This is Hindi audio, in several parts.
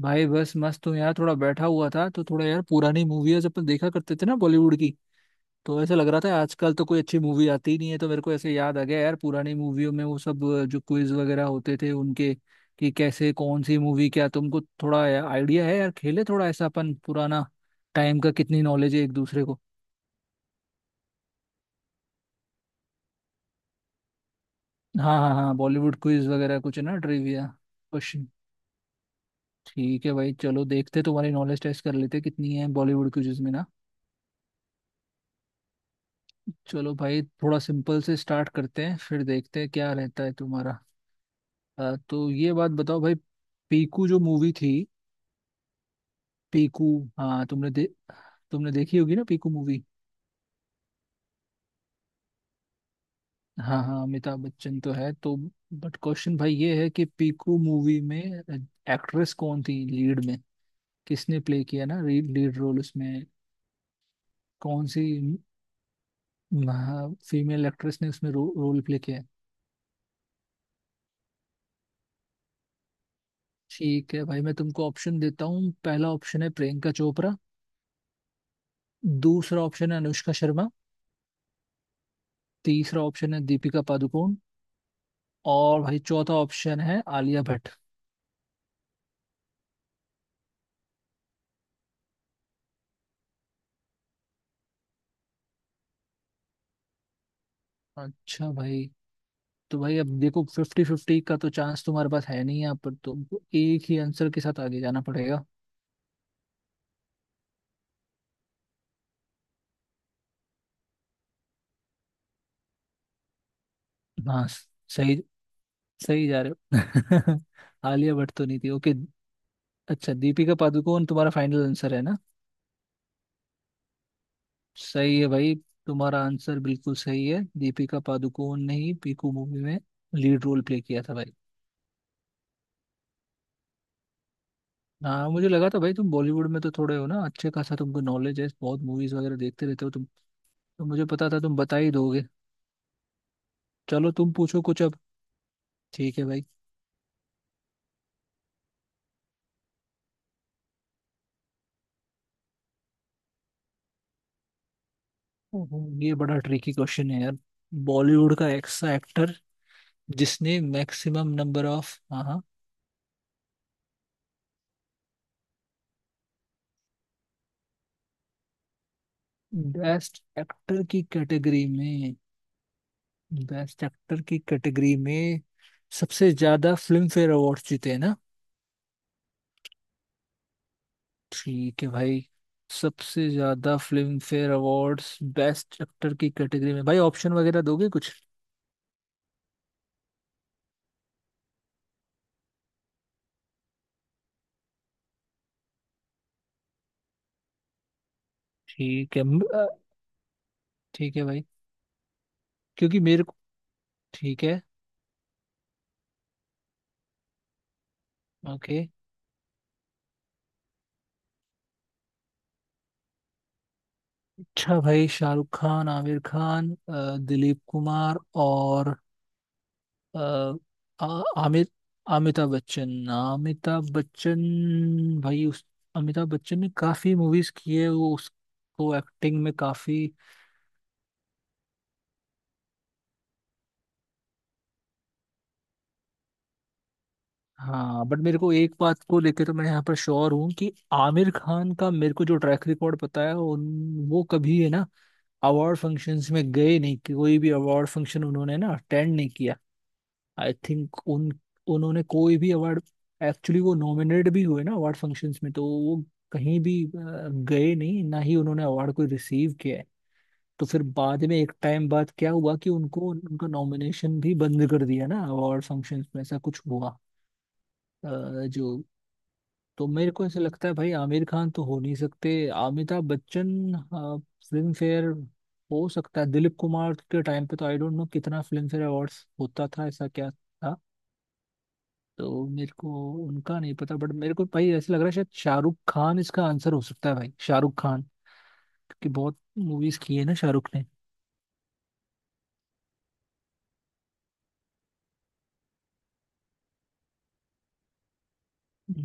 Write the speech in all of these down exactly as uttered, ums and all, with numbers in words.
भाई बस मस्त हूँ यार। थोड़ा बैठा हुआ था तो थोड़ा यार पुरानी मूवीज अपन देखा करते थे ना बॉलीवुड की। तो ऐसा लग रहा था आजकल तो कोई अच्छी मूवी आती ही नहीं है। तो मेरे को ऐसे याद आ गया यार, पुरानी मूवियों में वो सब अ, जो क्विज वगैरह होते थे उनके, कि कैसे कौन सी मूवी, क्या तुमको थोड़ा आइडिया है यार? खेले थोड़ा ऐसा अपन पुराना टाइम का, कितनी नॉलेज है एक दूसरे को। हाँ हाँ हाँ, बॉलीवुड क्विज वगैरह कुछ है ना, ट्रिविया क्वेश्चन। ठीक है भाई, चलो देखते तुम्हारी नॉलेज टेस्ट कर लेते कितनी है बॉलीवुड क्विज में ना। चलो भाई थोड़ा सिंपल से स्टार्ट करते हैं, फिर देखते हैं क्या रहता है तुम्हारा। अ, तो ये बात बताओ भाई। पीकू जो मूवी थी, पीकू। हाँ, तुमने दे, तुमने देखी होगी ना पीकू मूवी। हाँ हाँ अमिताभ बच्चन तो है तो। बट क्वेश्चन भाई ये है कि पीकू मूवी में एक्ट्रेस कौन थी लीड में, किसने प्ले किया ना लीड रोल उसमें? कौन सी फीमेल एक्ट्रेस ने उसमें रो, रोल प्ले किया है? ठीक है भाई, मैं तुमको ऑप्शन देता हूँ। पहला ऑप्शन है प्रियंका चोपड़ा। दूसरा ऑप्शन है अनुष्का शर्मा। तीसरा ऑप्शन है दीपिका पादुकोण। और भाई चौथा ऑप्शन है आलिया भट्ट। अच्छा भाई, तो भाई अब देखो फिफ्टी फिफ्टी का तो चांस तुम्हारे पास है नहीं, यहाँ पर तुमको एक ही आंसर के साथ आगे जाना पड़ेगा। हाँ सही, सही जा रहे हो। आलिया भट्ट तो नहीं थी, ओके। अच्छा, दीपिका पादुकोण तुम्हारा फाइनल आंसर है ना? सही है भाई, तुम्हारा आंसर बिल्कुल सही है। दीपिका पादुकोण ने ही पीकू मूवी में लीड रोल प्ले किया था भाई। हाँ मुझे लगा था भाई तुम बॉलीवुड में तो थोड़े हो ना अच्छे खासा, तुमको नॉलेज है, बहुत मूवीज वगैरह देखते रहते हो तुम, तो मुझे पता था तुम बता ही दोगे। चलो तुम पूछो कुछ अब, ठीक है भाई। ओहो, ये बड़ा ट्रिकी क्वेश्चन है यार। बॉलीवुड का ऐसा एक्टर जिसने मैक्सिमम नंबर ऑफ, हाँ हाँ, बेस्ट एक्टर की कैटेगरी में, बेस्ट एक्टर की कैटेगरी में सबसे ज्यादा फिल्म फेयर अवार्ड जीते हैं ना। ठीक है भाई, सबसे ज्यादा Filmfare awards best actor की कैटेगरी में। भाई ऑप्शन वगैरह दोगे कुछ? ठीक है म- अ, ठीक है भाई। क्योंकि मेरे को, ठीक है, ओके। अच्छा भाई, शाहरुख खान, आमिर खान, अ, दिलीप कुमार और अ, आ- आमिर, अमिताभ बच्चन, अमिताभ बच्चन। भाई उस अमिताभ बच्चन ने काफी मूवीज की है, वो उसको एक्टिंग में काफी। हाँ बट मेरे को एक बात को लेके तो मैं यहाँ पर श्योर हूँ कि आमिर खान का, मेरे को जो ट्रैक रिकॉर्ड पता है उन, वो कभी है ना अवार्ड फंक्शंस में गए नहीं, कि कोई भी अवार्ड फंक्शन उन्होंने ना अटेंड नहीं किया। आई थिंक उन, उन्होंने कोई भी अवार्ड, एक्चुअली वो नॉमिनेट भी हुए ना अवार्ड फंक्शंस में, तो वो कहीं भी अ, गए नहीं, ना ही उन्होंने अवार्ड कोई रिसीव किया है। तो फिर बाद में एक टाइम बाद क्या हुआ कि उनको उनका नॉमिनेशन भी बंद कर दिया ना अवार्ड फंक्शंस में, ऐसा कुछ हुआ। अ, जो, तो मेरे को ऐसा लगता है भाई आमिर खान तो हो नहीं सकते। अमिताभ बच्चन आ, फिल्म फेयर, हो सकता है दिलीप कुमार के टाइम पे तो आई डोंट नो कितना फिल्म फेयर अवार्ड्स होता था, ऐसा क्या था। तो मेरे को उनका नहीं पता, बट मेरे को भाई ऐसा लग रहा है शायद शाहरुख खान इसका आंसर हो सकता है भाई, शाहरुख खान, क्योंकि बहुत मूवीज की है ना शाहरुख ने।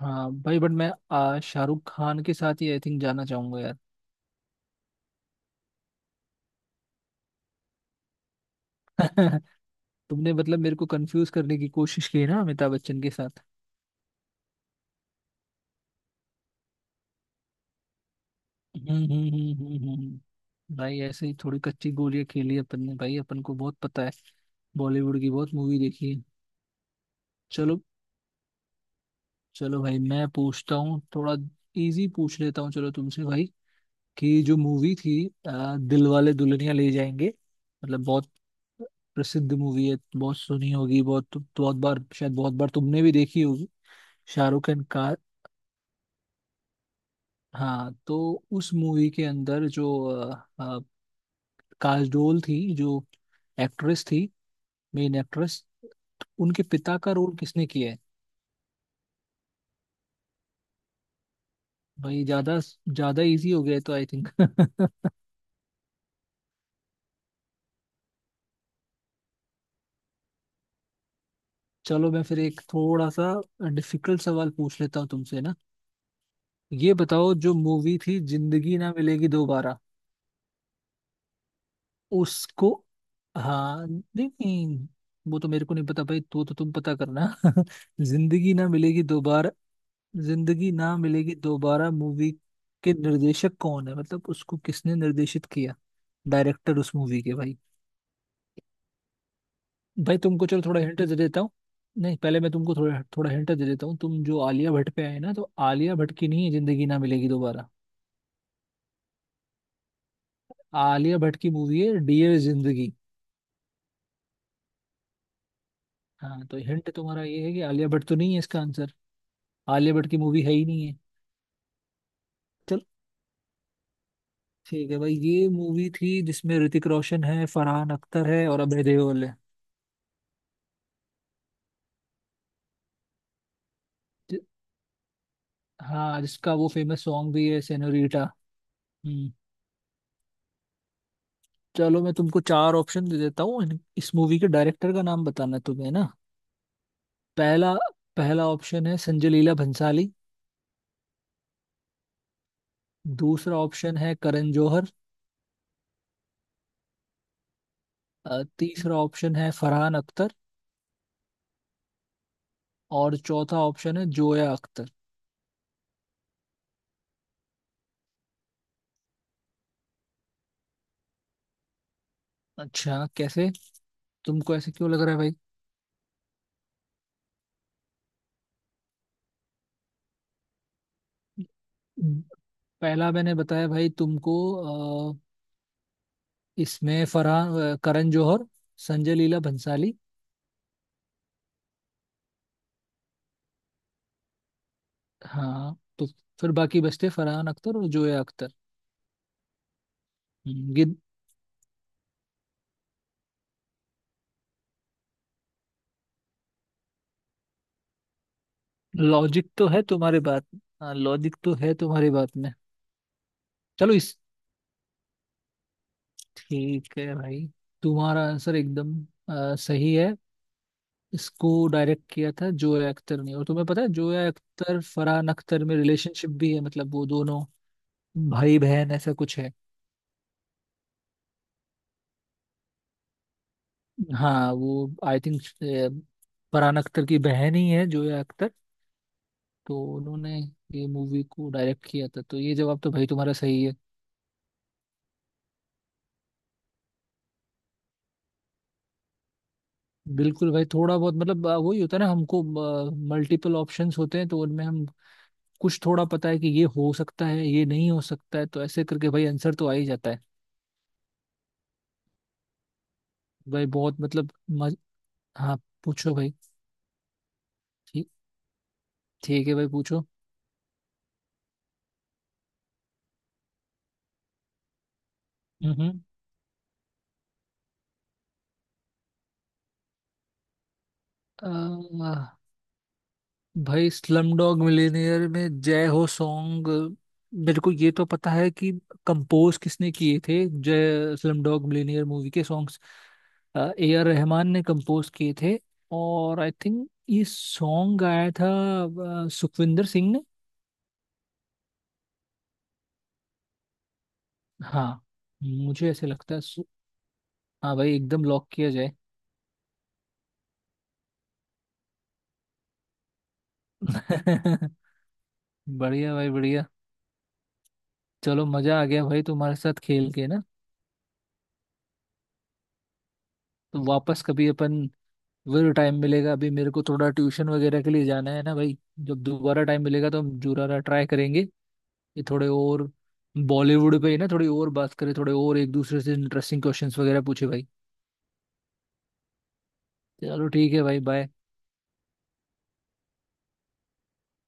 हाँ भाई बट मैं आ, शाहरुख खान के साथ ही आई थिंक जाना चाहूंगा यार। तुमने मतलब मेरे को कंफ्यूज करने की कोशिश की है ना अमिताभ बच्चन के साथ। हम्म हम्म, हम्म, हम्म, हम्म। भाई ऐसे ही थोड़ी कच्ची गोलियां खेली अपन ने, भाई अपन को बहुत पता है, बॉलीवुड की बहुत मूवी देखी है। चलो, चलो भाई मैं पूछता हूँ थोड़ा। इजी पूछ लेता हूँ चलो तुमसे भाई। कि जो मूवी थी आ, दिल वाले दुल्हनिया ले जाएंगे, मतलब बहुत प्रसिद्ध मूवी है, बहुत सुनी होगी, बहुत बहुत बार शायद, बहुत बार तुमने भी देखी होगी। शाहरुख खान का। हाँ तो उस मूवी के अंदर जो अ, अ, काजोल थी जो एक्ट्रेस थी, मेन एक्ट्रेस, उनके पिता का रोल किसने किया है? भाई ज्यादा, ज्यादा इजी हो गया है तो आई थिंक। चलो मैं फिर एक थोड़ा सा डिफिकल्ट सवाल पूछ लेता हूँ तुमसे ना। ये बताओ जो मूवी थी जिंदगी ना मिलेगी दोबारा, उसको, हाँ नहीं नहीं, वो तो मेरे को नहीं पता भाई, तो तो तुम पता करना। जिंदगी ना मिलेगी दोबारा, जिंदगी ना मिलेगी दोबारा मूवी के निर्देशक कौन है, मतलब उसको किसने निर्देशित किया, डायरेक्टर उस मूवी के भाई? भाई तुमको चलो थोड़ा हिंट दे देता हूँ, नहीं पहले मैं तुमको थोड़ा थोड़ा हिंट दे देता हूँ। तुम जो आलिया भट्ट पे आए ना, तो आलिया भट्ट की नहीं है जिंदगी ना मिलेगी दोबारा। आलिया भट्ट की मूवी है डियर जिंदगी। हाँ तो हिंट तुम्हारा ये है कि आलिया भट्ट तो नहीं है इसका आंसर। आलिया भट्ट की मूवी है ही नहीं है। चलो ठीक है भाई, ये मूवी थी जिसमें ऋतिक रोशन है, फरहान अख्तर है और अभय देओल है। जि- हाँ जिसका वो फेमस सॉन्ग भी है सेनोरीटा। हम्म, चलो मैं तुमको चार ऑप्शन दे देता हूँ, इन- इस मूवी के डायरेक्टर का नाम बताना है तुम्हें ना। पहला पहला ऑप्शन है संजय लीला भंसाली। दूसरा ऑप्शन है करण जौहर। अ, तीसरा ऑप्शन है फरहान अख्तर। और चौथा ऑप्शन है जोया अख्तर। अच्छा कैसे, तुमको ऐसे क्यों लग रहा है भाई? पहला मैंने बताया भाई तुमको, अ, इसमें फरहान, अ, करण जौहर, संजय लीला भंसाली। हाँ तो फिर बाकी बचते फरहान अख्तर और जोया अख्तर। हम्म, ये लॉजिक तो है तुम्हारे बात। हाँ लॉजिक तो है तुम्हारी बात में। चलो इस, ठीक है भाई, तुम्हारा आंसर एकदम अ, सही है। इसको डायरेक्ट किया था जोया अख्तर ने। और तुम्हें पता है जोया अख्तर फरहान अख्तर में रिलेशनशिप भी है, मतलब वो दोनों भाई बहन ऐसा कुछ है। हाँ वो आई थिंक फरहान अख्तर की बहन ही है जोया अख्तर। तो उन्होंने ये मूवी को डायरेक्ट किया था, तो ये जवाब तो भाई तुम्हारा सही है। बिल्कुल भाई थोड़ा बहुत मतलब अ, वही होता है ना हमको, मल्टीपल ऑप्शंस होते हैं तो उनमें हम कुछ थोड़ा पता है कि ये हो सकता है ये नहीं हो सकता है, तो ऐसे करके भाई आंसर तो आ ही जाता है। भाई बहुत मतलब मज... हाँ पूछो भाई। ठीक, ठीक है भाई पूछो। हम्म हम्म। अ, भाई स्लम डॉग मिलियनेयर में जय हो सॉन्ग, मेरे को ये तो पता है कि कंपोज किसने किए थे। जय स्लम डॉग मिलियनेयर मूवी के सॉन्ग्स ए आर रहमान ने कंपोज किए थे। और आई थिंक ये सॉन्ग गाया था अ, सुखविंदर सिंह ने। हाँ मुझे ऐसे लगता है। हाँ भाई एकदम लॉक किया जाए। बढ़िया भाई बढ़िया। चलो मजा आ गया भाई तुम्हारे साथ खेल के ना। तो वापस कभी अपन, जरूर टाइम मिलेगा, अभी मेरे को थोड़ा ट्यूशन वगैरह के लिए जाना है ना भाई। जब दोबारा टाइम मिलेगा तो हम जुरारा ट्राई करेंगे कि थोड़े और बॉलीवुड पे ही ना थोड़ी और बात करें, थोड़े और एक दूसरे से इंटरेस्टिंग क्वेश्चंस वगैरह पूछे भाई। चलो ठीक है भाई, बाय।